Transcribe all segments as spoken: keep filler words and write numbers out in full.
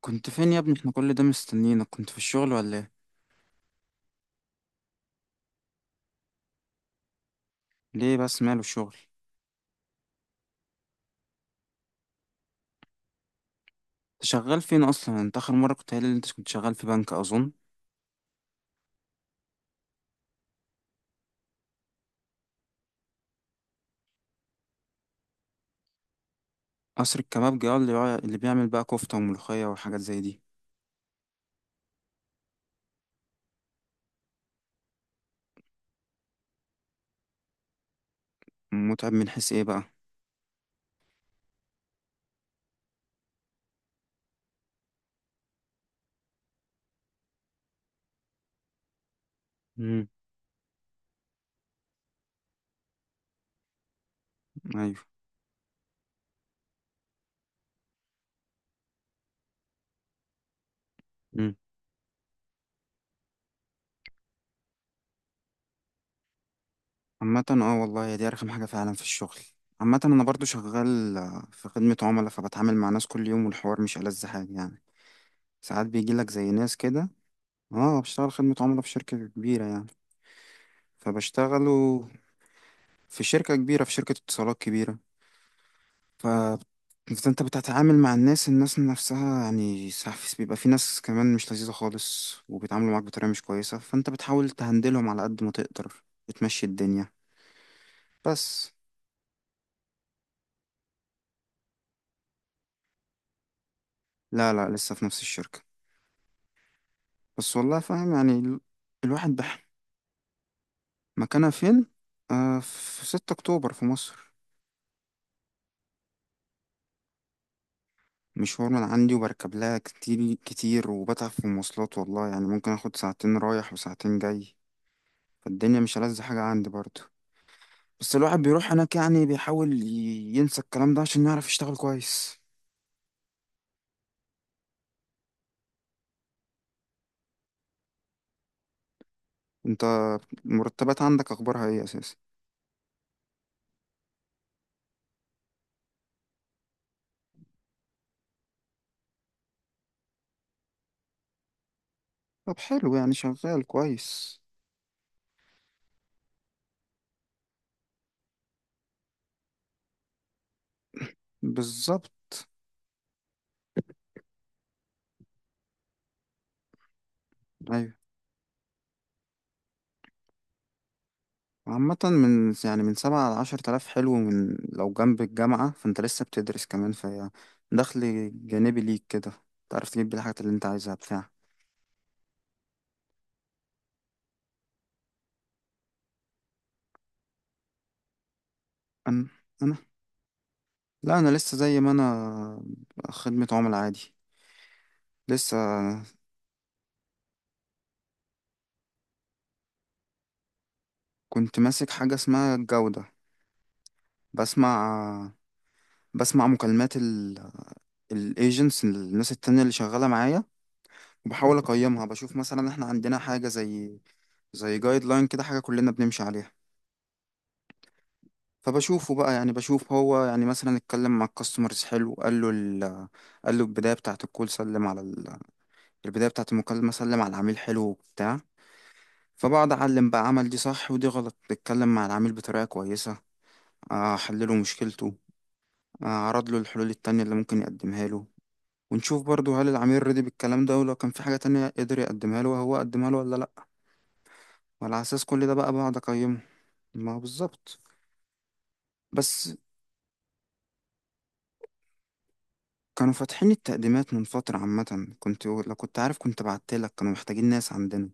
كنت فين يا ابني؟ احنا كل ده مستنيينك. كنت في الشغل ولا ايه؟ ليه بس ماله الشغل؟ انت شغال فين اصلا؟ انت اخر مره كنت قايل لي انت كنت شغال في بنك اظن. قصر الكبابجي، اه، اللي بيع- اللي بيعمل بقى كفته وملوخيه وحاجات زي دي. متعب من حيث ايه بقى؟ امم. ايوه. امم. عامه، اه والله هي دي ارخم حاجه فعلا في الشغل. عامه انا برضو شغال آه، في خدمه عملاء، فبتعامل مع ناس كل يوم، والحوار مش ألذ حاجه يعني. ساعات بيجي لك زي ناس كده. اه، بشتغل خدمه عملاء في شركه كبيره يعني. فبشتغل في شركة كبيرة، في شركة اتصالات كبيرة. ف- فانت بتتعامل مع الناس الناس نفسها، يعني ساعات في- بيبقى في ناس كمان مش لذيذة خالص وبيتعاملوا معاك بطريقة مش كويسة، فانت بتحاول تهندلهم على قد ما تقدر، بتمشي الدنيا، بس. لا، لا، لسه في نفس الشركة. بس والله فاهم، يعني ال- الواحد بح. مكانها فين؟ آه في ستة اكتوبر في مصر. مشوار من عندي، وبركب لها كتير كتير وبتعب في المواصلات والله، يعني ممكن اخد ساعتين رايح وساعتين جاي. فالدنيا مش ألذ حاجة عندي برضه. بس الواحد بيروح هناك، يعني بيحاول ي- ينسى الكلام ده عشان يعرف يشتغل كويس. انت المرتبات عندك اخبارها ايه اساسا؟ طب حلو، يعني شغال كويس. بالظبط. ايوه. عامة من يعني من سبعة لعشر تلاف، حلو. من لو جنب الجامعة فانت لسه بتدرس كمان، في دخل جانبي ليك كده، تعرف تجيب بيه الحاجات اللي انت عايزها بتاع انا انا. لا، انا لسه زي ما انا، خدمة عملاء عادي، لسه. كنت ماسك حاجة اسمها الجودة. بسمع بسمع مكالمات الايجنتس، الناس التانية اللي شغالة معايا، وبحاول اقيمها. بشوف مثلا احنا عندنا حاجة زي زي جايد لاين كده، حاجة كلنا بنمشي عليها. فبشوفه بقى، يعني بشوف هو يعني مثلا اتكلم مع الكاستمرز حلو، قال له ال... قال له البداية بتاعة الكول، سلم على ال... البداية بتاعة المكالمة، سلم على العميل حلو وبتاع. فبقعد اعلم بقى، عمل دي صح ودي غلط، اتكلم مع العميل بطريقة كويسة، احلله مشكلته، اعرض له الحلول التانية اللي ممكن يقدمها له. ونشوف برضو هل العميل رضي بالكلام ده، ولو كان في حاجة تانية قدر يقدمها له وهو قدمها له ولا لأ. وعلى أساس كل ده بقى بقعد أقيمه. ما هو بالظبط. بس، كانوا فاتحين التقديمات من فترة. عامة كنت، لو كنت عارف كنت بعتلك، كانوا محتاجين ناس عندنا.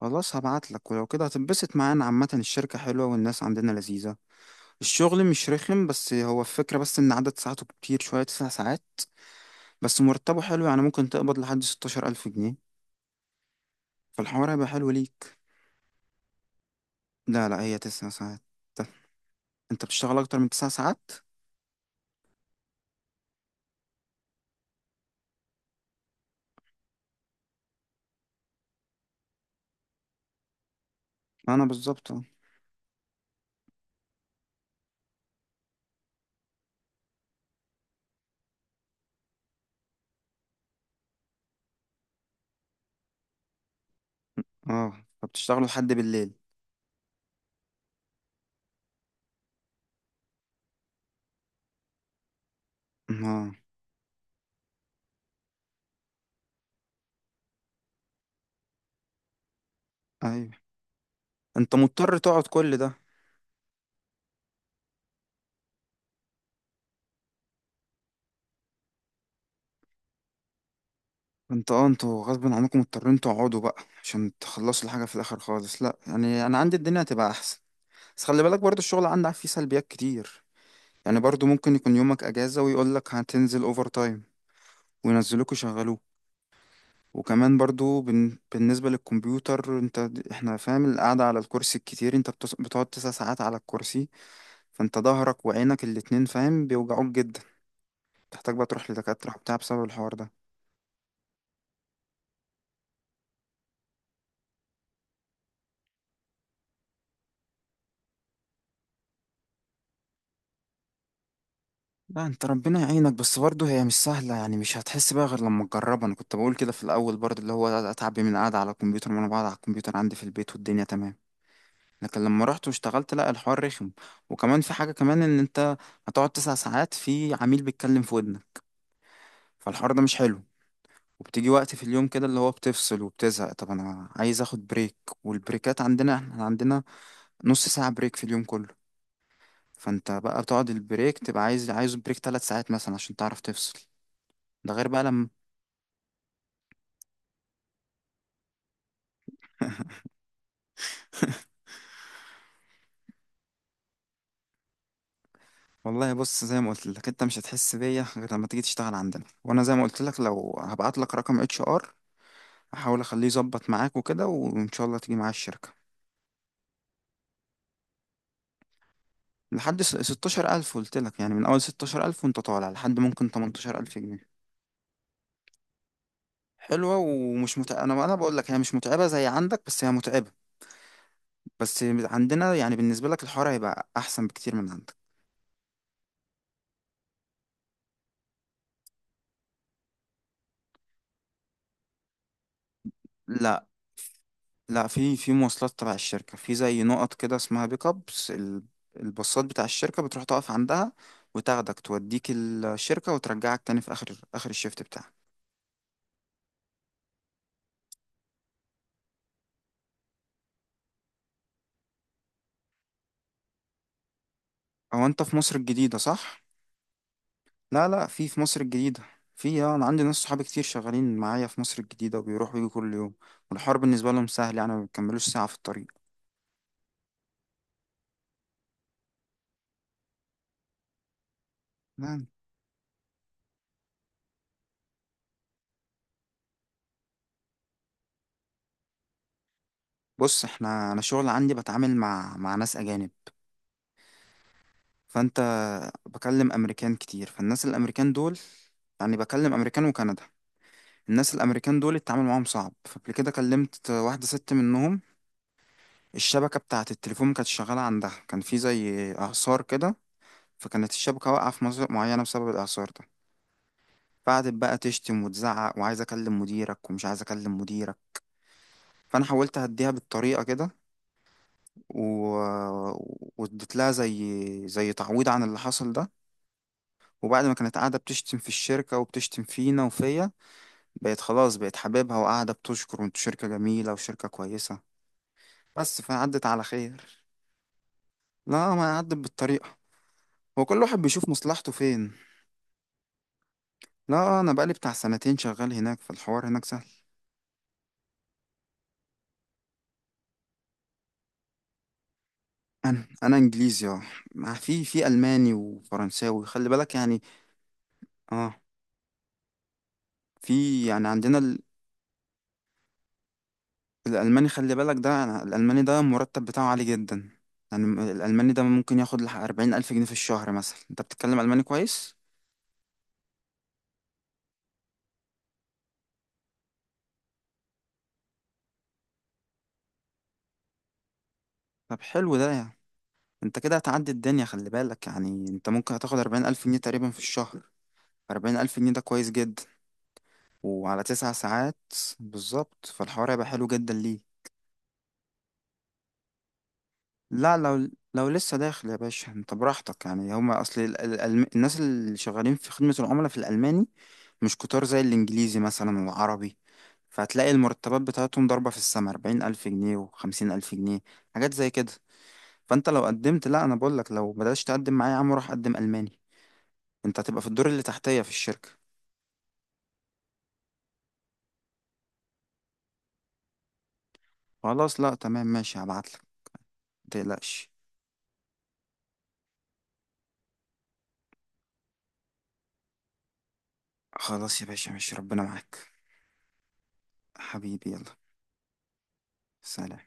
خلاص هبعتلك، ولو كده هتنبسط معانا. عامة الشركة حلوة والناس عندنا لذيذة. الشغل مش رخم، بس هو الفكرة بس إن عدد ساعاته كتير شوية، تسع ساعات. بس مرتبه حلو، يعني ممكن تقبض لحد ستاشر ألف جنيه. فالحوار هيبقى حلو ليك. لا، لا، هي تسع ساعات. انت بتشتغل اكتر من تسع ساعات؟ انا بالظبط، اه. اه، فبتشتغلوا لحد بالليل؟ اه. ايوه. انت مضطر تقعد كل ده؟ انت اه انتوا غصب عنكم مضطرين تقعدوا بقى عشان تخلصوا الحاجه في الاخر خالص. لا، يعني انا عندي الدنيا هتبقى احسن. بس خلي بالك برضو الشغل عندك فيه سلبيات كتير، يعني برضو ممكن يكون يومك اجازه ويقول لك هتنزل اوفر تايم وينزلوك يشغلوك. وكمان برضو بن... بالنسبه للكمبيوتر، انت احنا فاهم، القعده على الكرسي الكتير، انت بتص... بتقعد تسع ساعات على الكرسي، فانت ظهرك وعينك الاتنين فاهم بيوجعوك جدا، تحتاج بقى تروح لدكاترة وبتاع بسبب الحوار ده. لا انت ربنا يعينك، بس برضه هي مش سهلة، يعني مش هتحس بقى غير لما تجربها. انا كنت بقول كده في الاول برضه، اللي هو اتعب من القعدة على الكمبيوتر، وانا بقعد على الكمبيوتر عندي في البيت والدنيا تمام. لكن لما رحت واشتغلت، لا الحوار رخم. وكمان في حاجة كمان، ان انت هتقعد تسع ساعات في عميل بيتكلم في ودنك، فالحوار ده مش حلو. وبتيجي وقت في اليوم كده اللي هو بتفصل وبتزهق، طب انا عايز اخد بريك. والبريكات عندنا، احنا عندنا نص ساعة بريك في اليوم كله. فانت بقى بتقعد البريك، تبقى عايز عايز بريك ثلاث ساعات مثلا عشان تعرف تفصل. ده غير بقى لما... والله بص، زي ما قلت لك انت مش هتحس بيا غير لما تيجي تشتغل عندنا. وانا زي ما قلت لك، لو هبعت لك رقم اتش ار، احاول اخليه يظبط معاك وكده، وان شاء الله تيجي معايا الشركة. لحد س- ستاشر الف، قلت لك، يعني من اول ستاشر الف وانت طالع لحد ممكن تمنتاشر الف جنيه. حلوة ومش متعبة. انا انا بقول لك هي مش متعبة زي عندك، بس هي متعبة، بس عندنا يعني بالنسبة لك الحوار هيبقى احسن بكتير من عندك. لا، لا، في في مواصلات تبع الشركة، في زي نقط كده اسمها بيك ابس، ال- الباصات بتاع الشركة بتروح تقف عندها وتاخدك توديك الشركة وترجعك تاني في آخر آخر الشيفت بتاعك. أو أنت في مصر الجديدة، صح؟ لا، لا، في في مصر الجديدة. في آه، أنا عندي ناس صحابي كتير شغالين معايا في مصر الجديدة وبيروحوا ويجوا كل يوم، والحوار بالنسبة لهم سهل، يعني ما بيكملوش ساعة في الطريق. يعني بص احنا، أنا شغل عندي بتعامل مع مع ناس أجانب. فأنت بكلم أمريكان كتير، فالناس الأمريكان دول، يعني بكلم أمريكان وكندا، الناس الامريكان دول التعامل معاهم صعب. فقبل كده كلمت واحده ست منهم، الشبكه بتاعه التليفون ما كانتش شغاله عندها، كان في زي اعصار كده، فكانت الشبكه واقعه في مناطق معينه بسبب الاعصار ده. فقعدت بقى تشتم وتزعق، وعايز اكلم مديرك ومش عايز اكلم مديرك، فانا حاولت اهديها بالطريقه كده و... واديت لها زي زي تعويض عن اللي حصل ده. وبعد ما كانت قاعده بتشتم في الشركه وبتشتم فينا وفيا، بقت خلاص، بقت حبيبها، وقاعده بتشكر، وانتوا شركه جميله وشركه كويسه. بس فعدت على خير. لا، ما عدت بالطريقة، هو كل واحد بيشوف مصلحته فين. لا، انا بقالي بتاع سنتين شغال هناك، فالحوار هناك سهل. انا انا انجليزي، اه. مع- في في الماني وفرنساوي خلي بالك يعني. اه، في يعني عندنا ال- الالماني، خلي بالك ده. أنا الالماني ده المرتب بتاعه عالي جدا، يعني م- الالماني ده ممكن ياخد لح اربعين الف جنيه في الشهر مثلا. انت بتتكلم الماني كويس؟ طب حلو ده يعني، انت كده هتعدي الدنيا خلي بالك، يعني انت ممكن هتاخد اربعين الف جنيه تقريبا في الشهر. اربعين ألف جنيه ده كويس جدا، وعلى تسع ساعات. بالظبط، فالحوار هيبقى حلو جدا ليه. لا، لو لو لسه داخل يا باشا انت براحتك، يعني هما اصل ال- ال- الم- الناس اللي شغالين في خدمة العملاء في الألماني مش كتار زي الإنجليزي مثلا والعربي، فهتلاقي المرتبات بتاعتهم ضاربة في السما، أربعين ألف جنيه وخمسين ألف جنيه، حاجات زي كده. فأنت لو قدمت، لا، أنا بقولك لو بدأتش تقدم معايا يا عم روح قدم ألماني، أنت هتبقى في الدور اللي تحتية في الشركة. خلاص، لا تمام ماشي، هبعتلك. متقلقش. خلاص يا باشا، ماشي ربنا معاك. حبيبي يلا. سلام.